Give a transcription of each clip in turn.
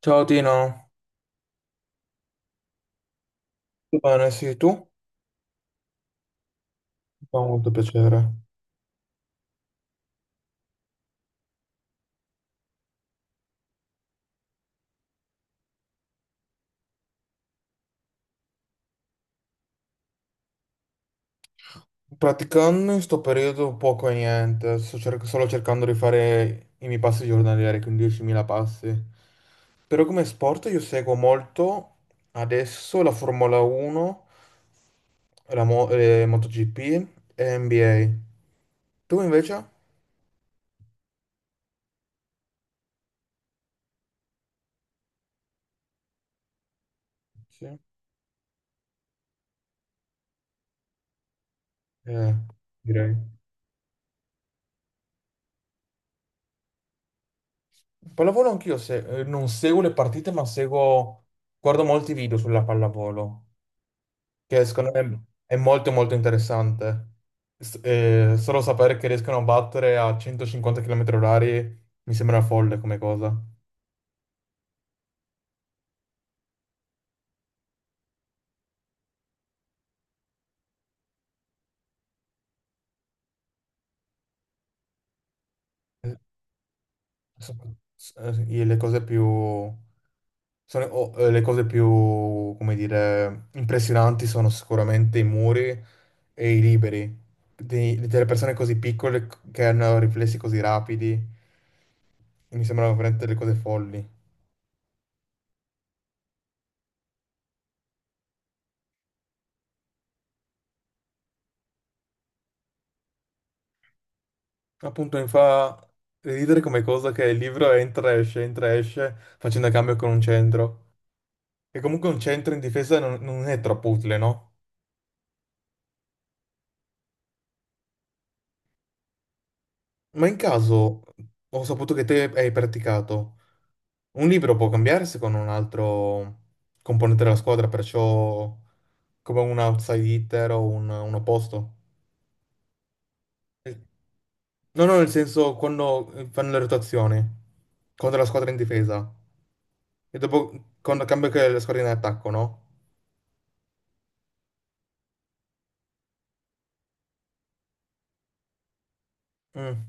Ciao Tino, tutto bene? Sì, tu? Mi fa molto piacere. Praticando in sto periodo poco e niente, solo cercando di fare i miei passi giornalieri, quindi 10.000 passi. Però come sport io seguo molto adesso la Formula 1, MotoGP e NBA. Tu invece? Sì, eh, direi. Pallavolo anch'io, non seguo le partite, ma seguo, guardo molti video sulla pallavolo, che secondo me è molto molto interessante. Solo sapere che riescono a battere a 150 km orari mi sembra folle come cosa. Eh, so- le cose più, come dire, impressionanti sono sicuramente i muri e i liberi delle persone così piccole che hanno riflessi così rapidi. Mi sembrano veramente delle cose folli. Appunto, mi fa ridere come cosa che il libro entra e esce, facendo cambio con un centro. E comunque un centro in difesa non è troppo utile, no? Ma in caso, ho saputo che te hai praticato, un libro può cambiarsi con un altro componente della squadra, perciò come un outside hitter o un opposto. Eh, No, no, nel senso quando fanno le rotazioni contro la squadra in difesa e dopo quando cambia che la squadra in attacco, no? Mm.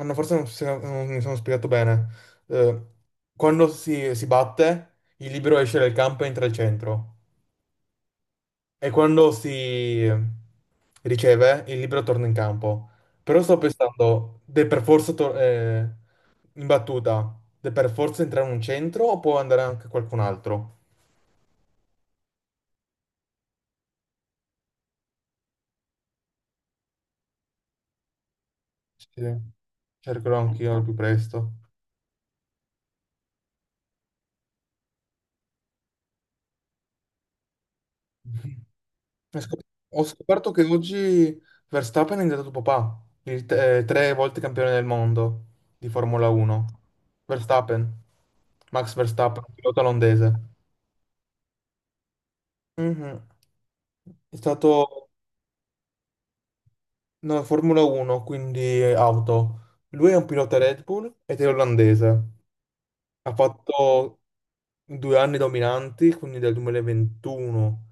Anna, forse non mi sono spiegato bene. Eh, quando si batte, il libero esce dal campo e entra al centro. E quando si riceve, il libero torna in campo. Però sto pensando, deve per forza tor- in battuta, deve per forza entrare un centro o può andare anche qualcun altro? Sì, cercherò anch'io al più presto. Ho scop- ho scoperto che oggi Verstappen è diventato papà, tre volte campione del mondo di Formula 1. Verstappen, Max Verstappen, pilota olandese. Mhm. È stato no, Formula 1, quindi auto. Lui è un pilota Red Bull ed è olandese. Ha fatto 2 anni dominanti, quindi dal 2021.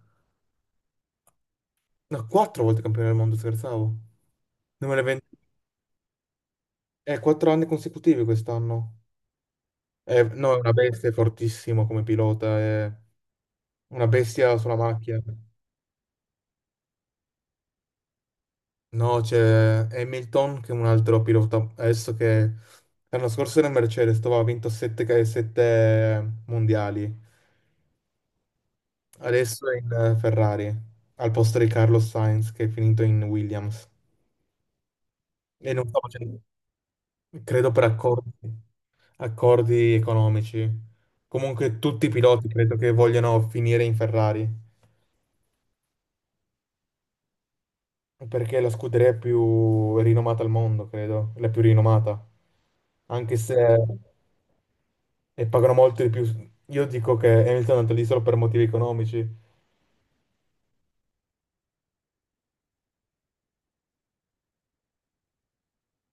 No, quattro volte campione del mondo, scherzavo. 2020, 4 anni consecutivi quest'anno. No, è una bestia, è fortissimo come pilota, è una bestia sulla macchina. No, c'è Hamilton che è un altro pilota, adesso che l'anno scorso era in Mercedes, dove ha vinto 7 mondiali, adesso è in Ferrari, al posto di Carlos Sainz che è finito in Williams. E non sta facendo, credo per accordi, accordi economici. Comunque tutti i piloti credo che vogliano finire in Ferrari. Perché è la scuderia più rinomata al mondo, credo, la più rinomata, anche se e pagano molto di più. Io dico che Hamilton è andato lì solo per motivi economici.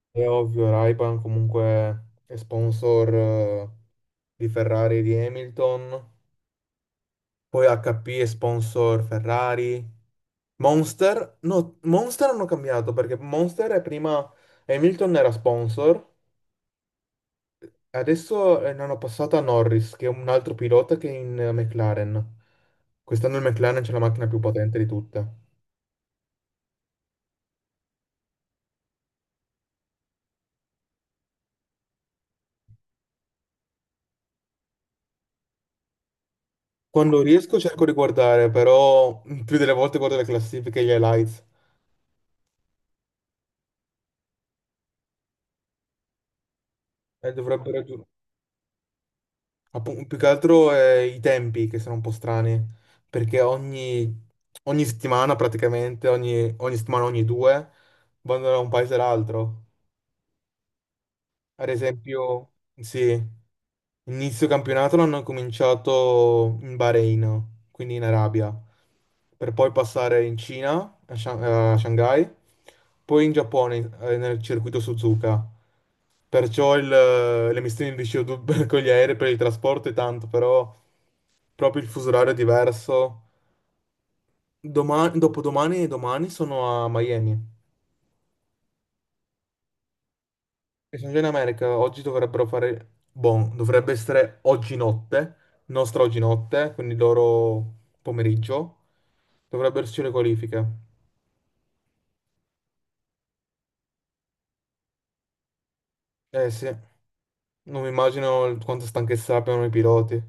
È ovvio, Ray-Ban comunque è sponsor di Ferrari e di Hamilton, poi HP è sponsor Ferrari. Monster, no, Monster hanno cambiato perché Monster è prima Hamilton era sponsor. Adesso ne hanno passata a Norris, che è un altro pilota che è in McLaren. Quest'anno il McLaren c'è la macchina più potente di tutte. Quando riesco cerco di guardare, però più delle volte guardo le classifiche e gli highlights. E dovrebbero... giu- Più che altro i tempi, che sono un po' strani, perché ogni settimana praticamente, ogni settimana, ogni due, vanno da un paese all'altro. Ad esempio, sì, inizio campionato l'hanno cominciato in Bahrain, quindi in Arabia, per poi passare in Cina, a Shanghai, poi in Giappone, nel circuito Suzuka. Perciò le emissioni di CO2 con gli aerei per il trasporto è tanto, però proprio il fuso orario è diverso. Domani, dopodomani e domani sono a Miami. E sono già in America, oggi dovrebbero fare, bon, dovrebbe essere oggi notte, nostra oggi notte, quindi loro pomeriggio. Dovrebbero esserci le qualifiche. Eh sì, non mi immagino quanta stanchezza abbiano i piloti.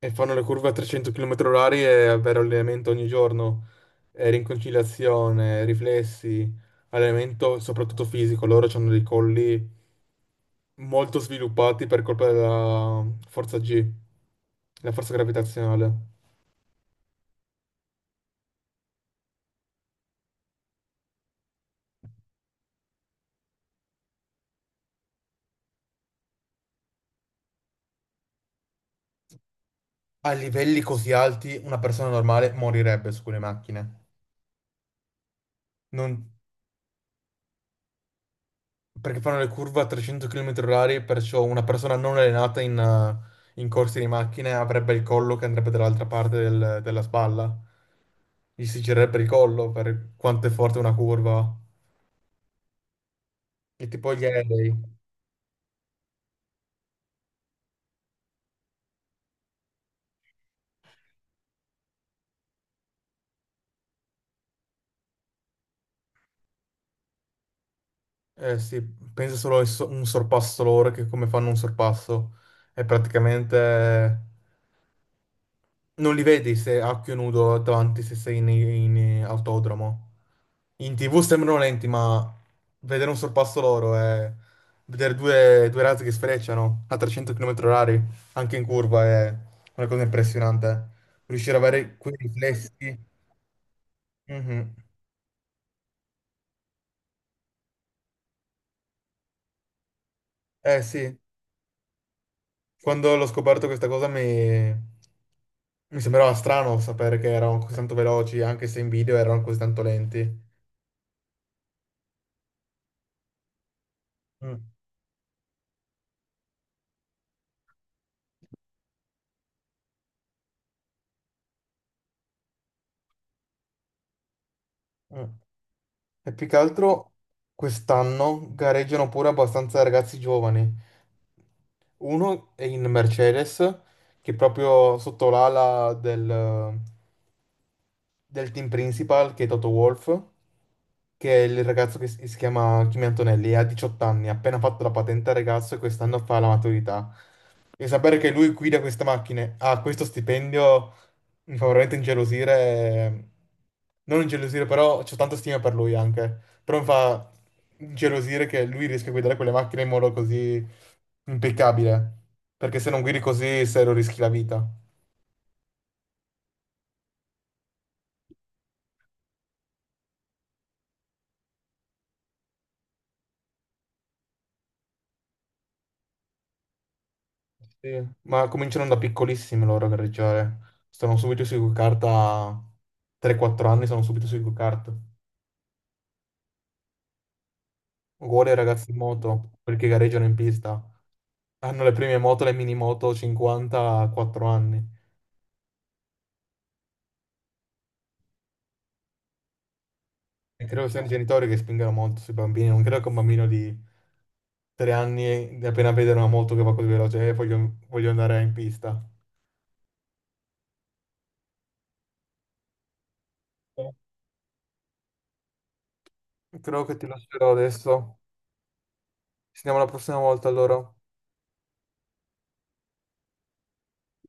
E fanno le curve a 300 km orari e avere allenamento ogni giorno. Rinconciliazione, riflessi, allenamento soprattutto fisico. Loro hanno dei colli molto sviluppati per colpa della forza G, la forza gravitazionale. A livelli così alti una persona normale morirebbe su quelle macchine. Non- Perché fanno le curve a 300 km orari, perciò una persona non allenata in corsi di macchine avrebbe il collo che andrebbe dall'altra parte della spalla. Gli si girerebbe il collo per quanto è forte una curva. E tipo gli aerei. Eh sì, pensa solo a un sorpasso loro che come fanno un sorpasso. È praticamente. Non li vedi se a occhio nudo davanti se sei in autodromo. In TV sembrano lenti, ma vedere un sorpasso loro e vedere due razzi che sfrecciano a 300 km orari, anche in curva, è una cosa impressionante. Riuscire ad avere quei riflessi. Mhm. Eh sì, quando l'ho scoperto questa cosa mi sembrava strano sapere che erano così tanto veloci, anche se in video erano così tanto lenti. Mm, mm. E più che altro quest'anno gareggiano pure abbastanza ragazzi giovani. Uno è in Mercedes, che è proprio sotto l'ala del team principal, che è Toto Wolff, che è il ragazzo che si chiama Kimi Antonelli, ha 18 anni, ha appena fatto la patente al ragazzo e quest'anno fa la maturità. E sapere che lui guida queste macchine, ha questo stipendio, mi fa veramente ingelosire. Non ingelosire, però c'ho tanta stima per lui anche. Però mi fa ingelosire che lui riesca a guidare quelle macchine in modo così impeccabile. Perché se non guidi così, serio, rischi la vita. Sì. Ma cominciano da piccolissimi loro a gareggiare. Stanno subito sui go-kart a 3-4 anni, sono subito sui go-kart. Uguale ai ragazzi in moto, quelli che gareggiano in pista. Hanno le prime moto, le mini moto 54 anni. E credo che siano i genitori che spingono molto sui bambini. Non credo che un bambino di 3 anni, appena vede una moto che va così veloce, voglio, voglio andare in pista. Eh. Credo che ti lascerò adesso. Ci vediamo la prossima volta allora.